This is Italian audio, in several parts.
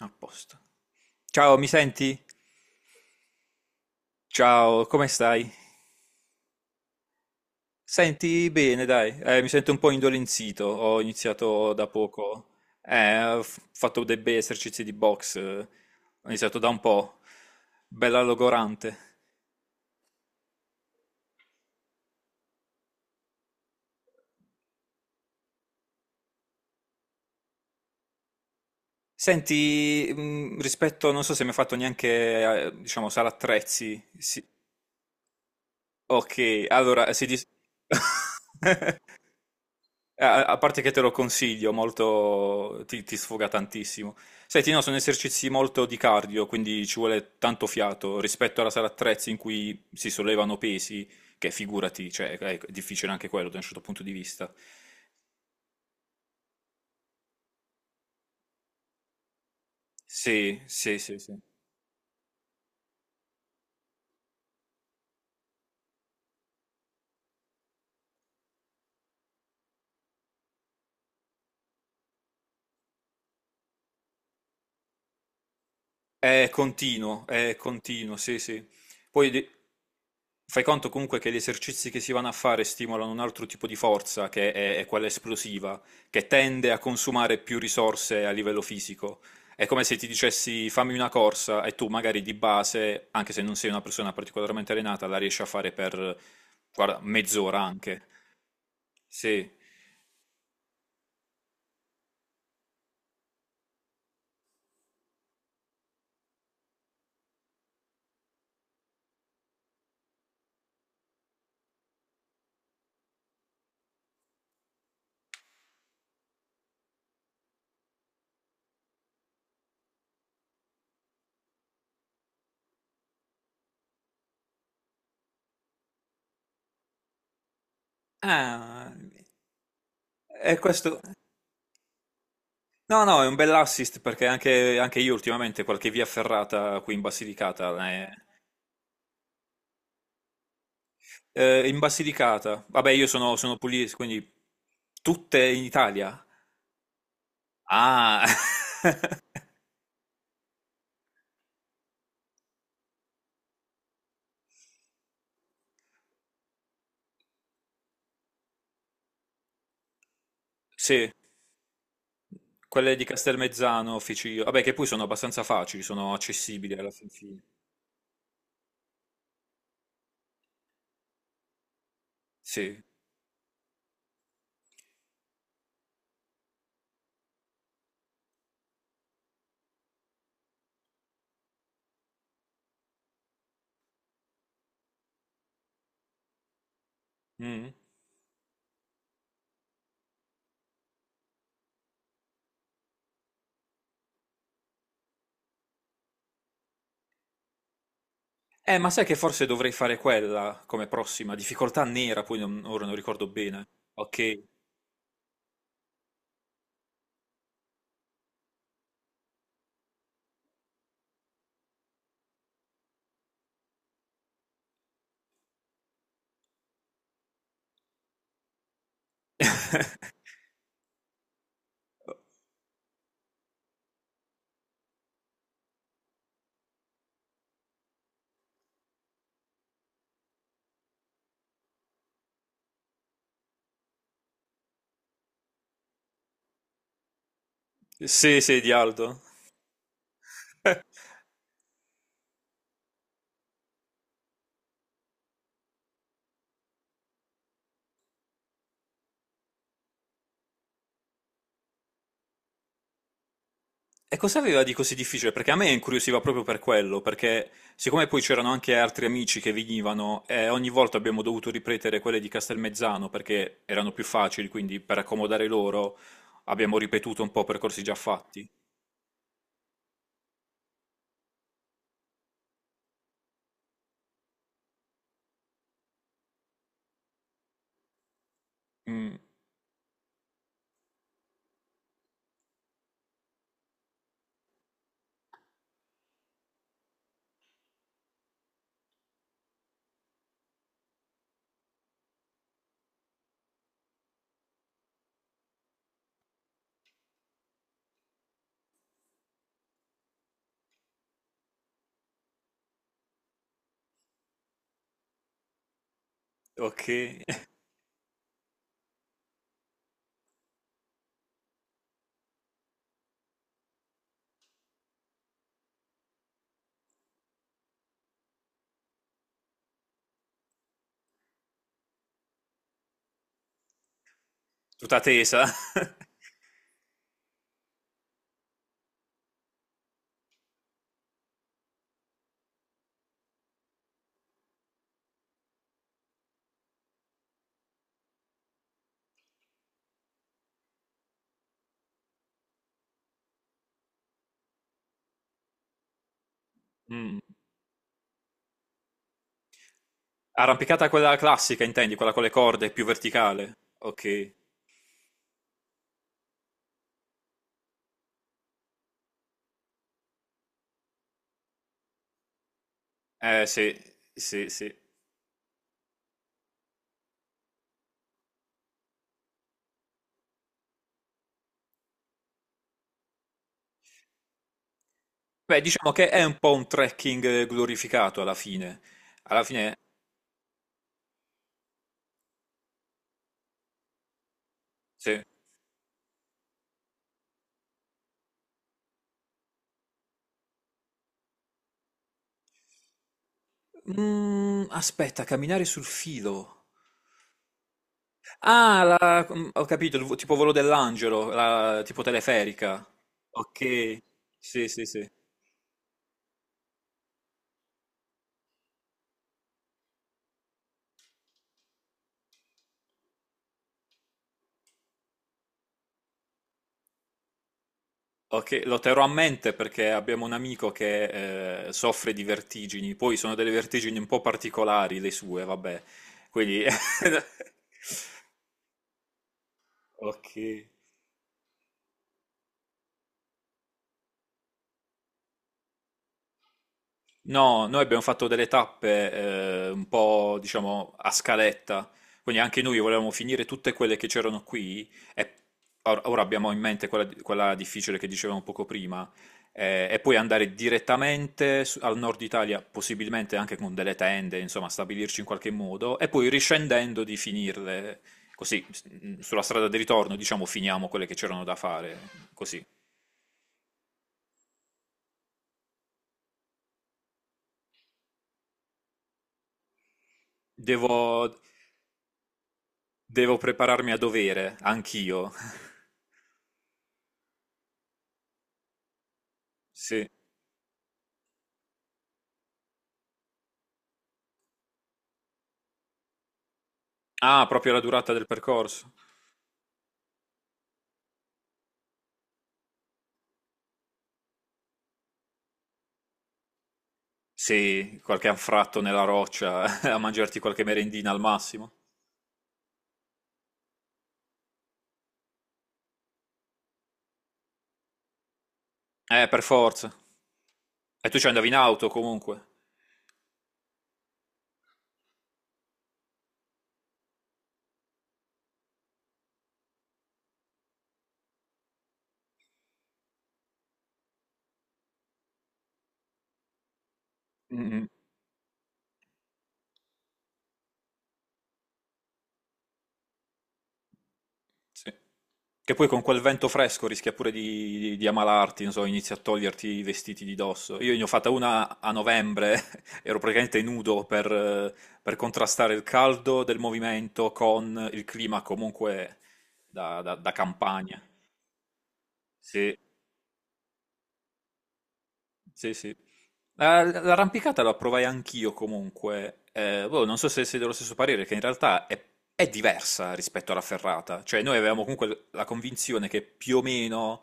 A posto. Ciao, mi senti? Ciao, come stai? Senti bene, dai. Mi sento un po' indolenzito. Ho iniziato da poco. Ho fatto dei bei esercizi di box. Ho iniziato da un po'. Bella logorante. Senti, rispetto, non so se mi hai fatto neanche, diciamo, sala attrezzi. Sì. Ok, allora si dis... A parte che te lo consiglio, molto... ti sfoga tantissimo. Senti, no, sono esercizi molto di cardio, quindi ci vuole tanto fiato rispetto alla sala attrezzi in cui si sollevano pesi, che figurati, cioè, è difficile anche quello da un certo punto di vista. Sì, sì, sì, sì. È continuo, sì, sì. Poi de- fai conto comunque che gli esercizi che si vanno a fare stimolano un altro tipo di forza, che è quella esplosiva, che tende a consumare più risorse a livello fisico. È come se ti dicessi fammi una corsa e tu magari di base, anche se non sei una persona particolarmente allenata, la riesci a fare per, guarda, mezz'ora anche. Sì. Ah, è questo. No, no, è un bell'assist perché anche, anche io ultimamente qualche via ferrata qui in Basilicata. In Basilicata, vabbè, sono pugliese, quindi tutte in Italia. Ah, sì, quelle di Castelmezzano, Ficino, vabbè, che poi sono abbastanza facili, sono accessibili alla fin fine. Sì. Mm. Ma sai che forse dovrei fare quella come prossima? Difficoltà nera, poi ora non ricordo bene. Ok. Sì, sì, di Aldo. E cosa aveva di così difficile? Perché a me incuriosiva proprio per quello, perché siccome poi c'erano anche altri amici che venivano, e ogni volta abbiamo dovuto ripetere quelle di Castelmezzano perché erano più facili, quindi per accomodare loro abbiamo ripetuto un po' percorsi già fatti. Mm, ok. Tutta tesa. Mm. Arrampicata quella classica, intendi? Quella con le corde, più verticale. Ok. Eh sì, sì, sì. Beh, diciamo che è un po' un trekking glorificato alla fine. Alla fine, sì. Mm, aspetta, camminare sul filo. Ah, ho capito, il tipo volo dell'angelo, tipo teleferica. Ok, sì, sì, sì. Ok, lo terrò a mente perché abbiamo un amico che soffre di vertigini, poi sono delle vertigini un po' particolari le sue, vabbè. Quindi... Ok. No, noi abbiamo fatto delle tappe un po', diciamo, a scaletta, quindi anche noi volevamo finire tutte quelle che c'erano qui e ora abbiamo in mente quella, quella difficile che dicevamo poco prima e poi andare direttamente al nord Italia, possibilmente anche con delle tende, insomma, stabilirci in qualche modo e poi riscendendo di finirle così, sulla strada di ritorno, diciamo, finiamo quelle che c'erano da fare, così. Devo, devo prepararmi a dovere, anch'io. Sì. Ah, proprio la durata del percorso. Sì, qualche anfratto nella roccia a mangiarti qualche merendina al massimo. Per forza. E tu ci andavi in auto comunque. Mm, sì. Che poi con quel vento fresco rischia pure di, di ammalarti, non so, inizi a toglierti i vestiti di dosso. Io ne ho fatta una a novembre, ero praticamente nudo per contrastare il caldo del movimento con il clima comunque da, da campagna. Sì. Sì, sì. L'arrampicata la provai anch'io comunque. Boh, non so se sei dello stesso parere, che in realtà è diversa rispetto alla ferrata. Cioè, noi avevamo comunque la convinzione che più o meno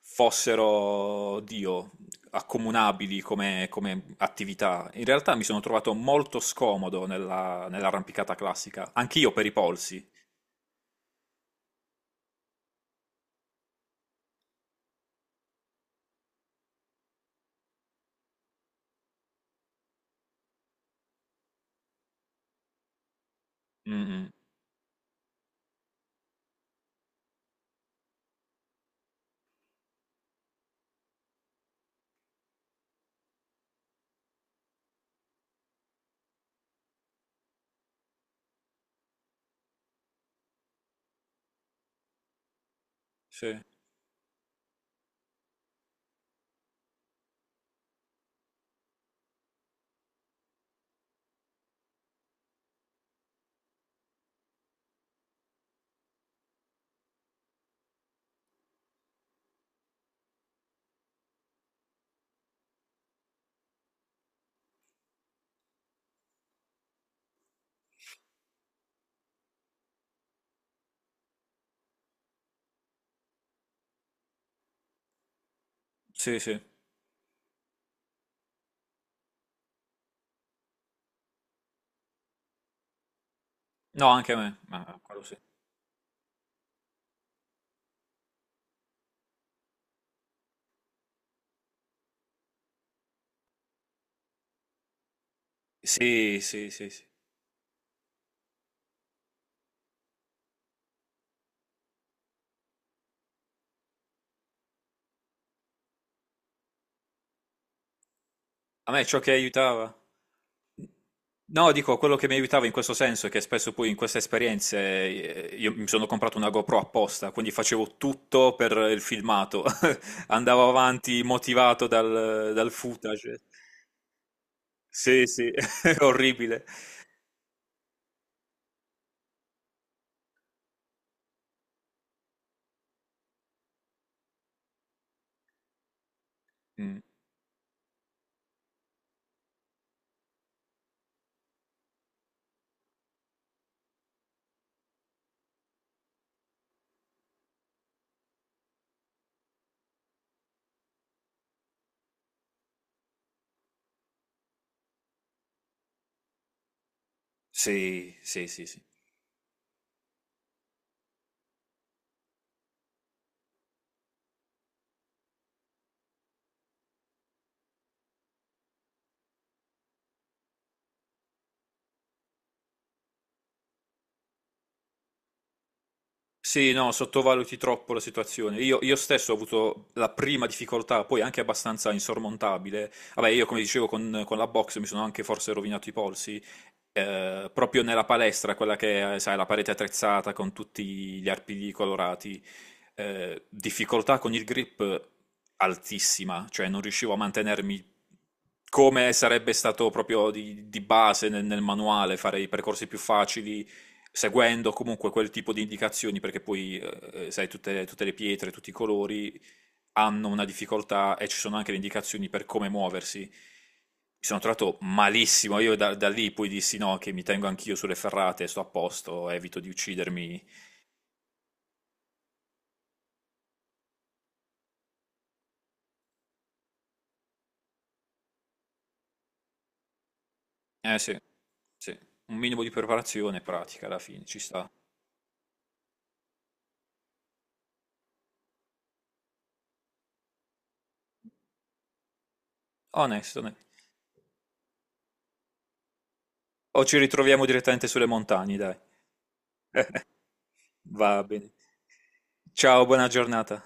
fossero, Dio, accomunabili come, come attività. In realtà mi sono trovato molto scomodo nella, nell'arrampicata classica, anch'io per i polsi. Mm, mm. Sì, sì, sì. No, anche a me. Ma quello sì. Sì, sì, sì, sì. A me ciò che aiutava? No, dico, quello che mi aiutava in questo senso è che spesso poi in queste esperienze io mi sono comprato una GoPro apposta, quindi facevo tutto per il filmato, andavo avanti motivato dal, dal footage. Sì, sì, orribile. Mm. Sì, sì, sì, sì. Sì, no, sottovaluti troppo la situazione. Io stesso ho avuto la prima difficoltà, poi anche abbastanza insormontabile. Vabbè, io come dicevo con la box mi sono anche forse rovinato i polsi, proprio nella palestra, quella che è, sai, la parete attrezzata con tutti gli arpigli colorati. Difficoltà con il grip altissima, cioè non riuscivo a mantenermi come sarebbe stato proprio di base nel, nel manuale, fare i percorsi più facili seguendo comunque quel tipo di indicazioni, perché poi, sai, tutte, tutte le pietre, tutti i colori hanno una difficoltà e ci sono anche le indicazioni per come muoversi. Mi sono trovato malissimo, io da, da lì poi dissi no, che mi tengo anch'io sulle ferrate, sto a posto, evito di uccidermi. Eh sì, sì, un minimo di preparazione pratica alla fine, ci sta. Onesto, onesto. O ci ritroviamo direttamente sulle montagne, dai. Va bene. Ciao, buona giornata.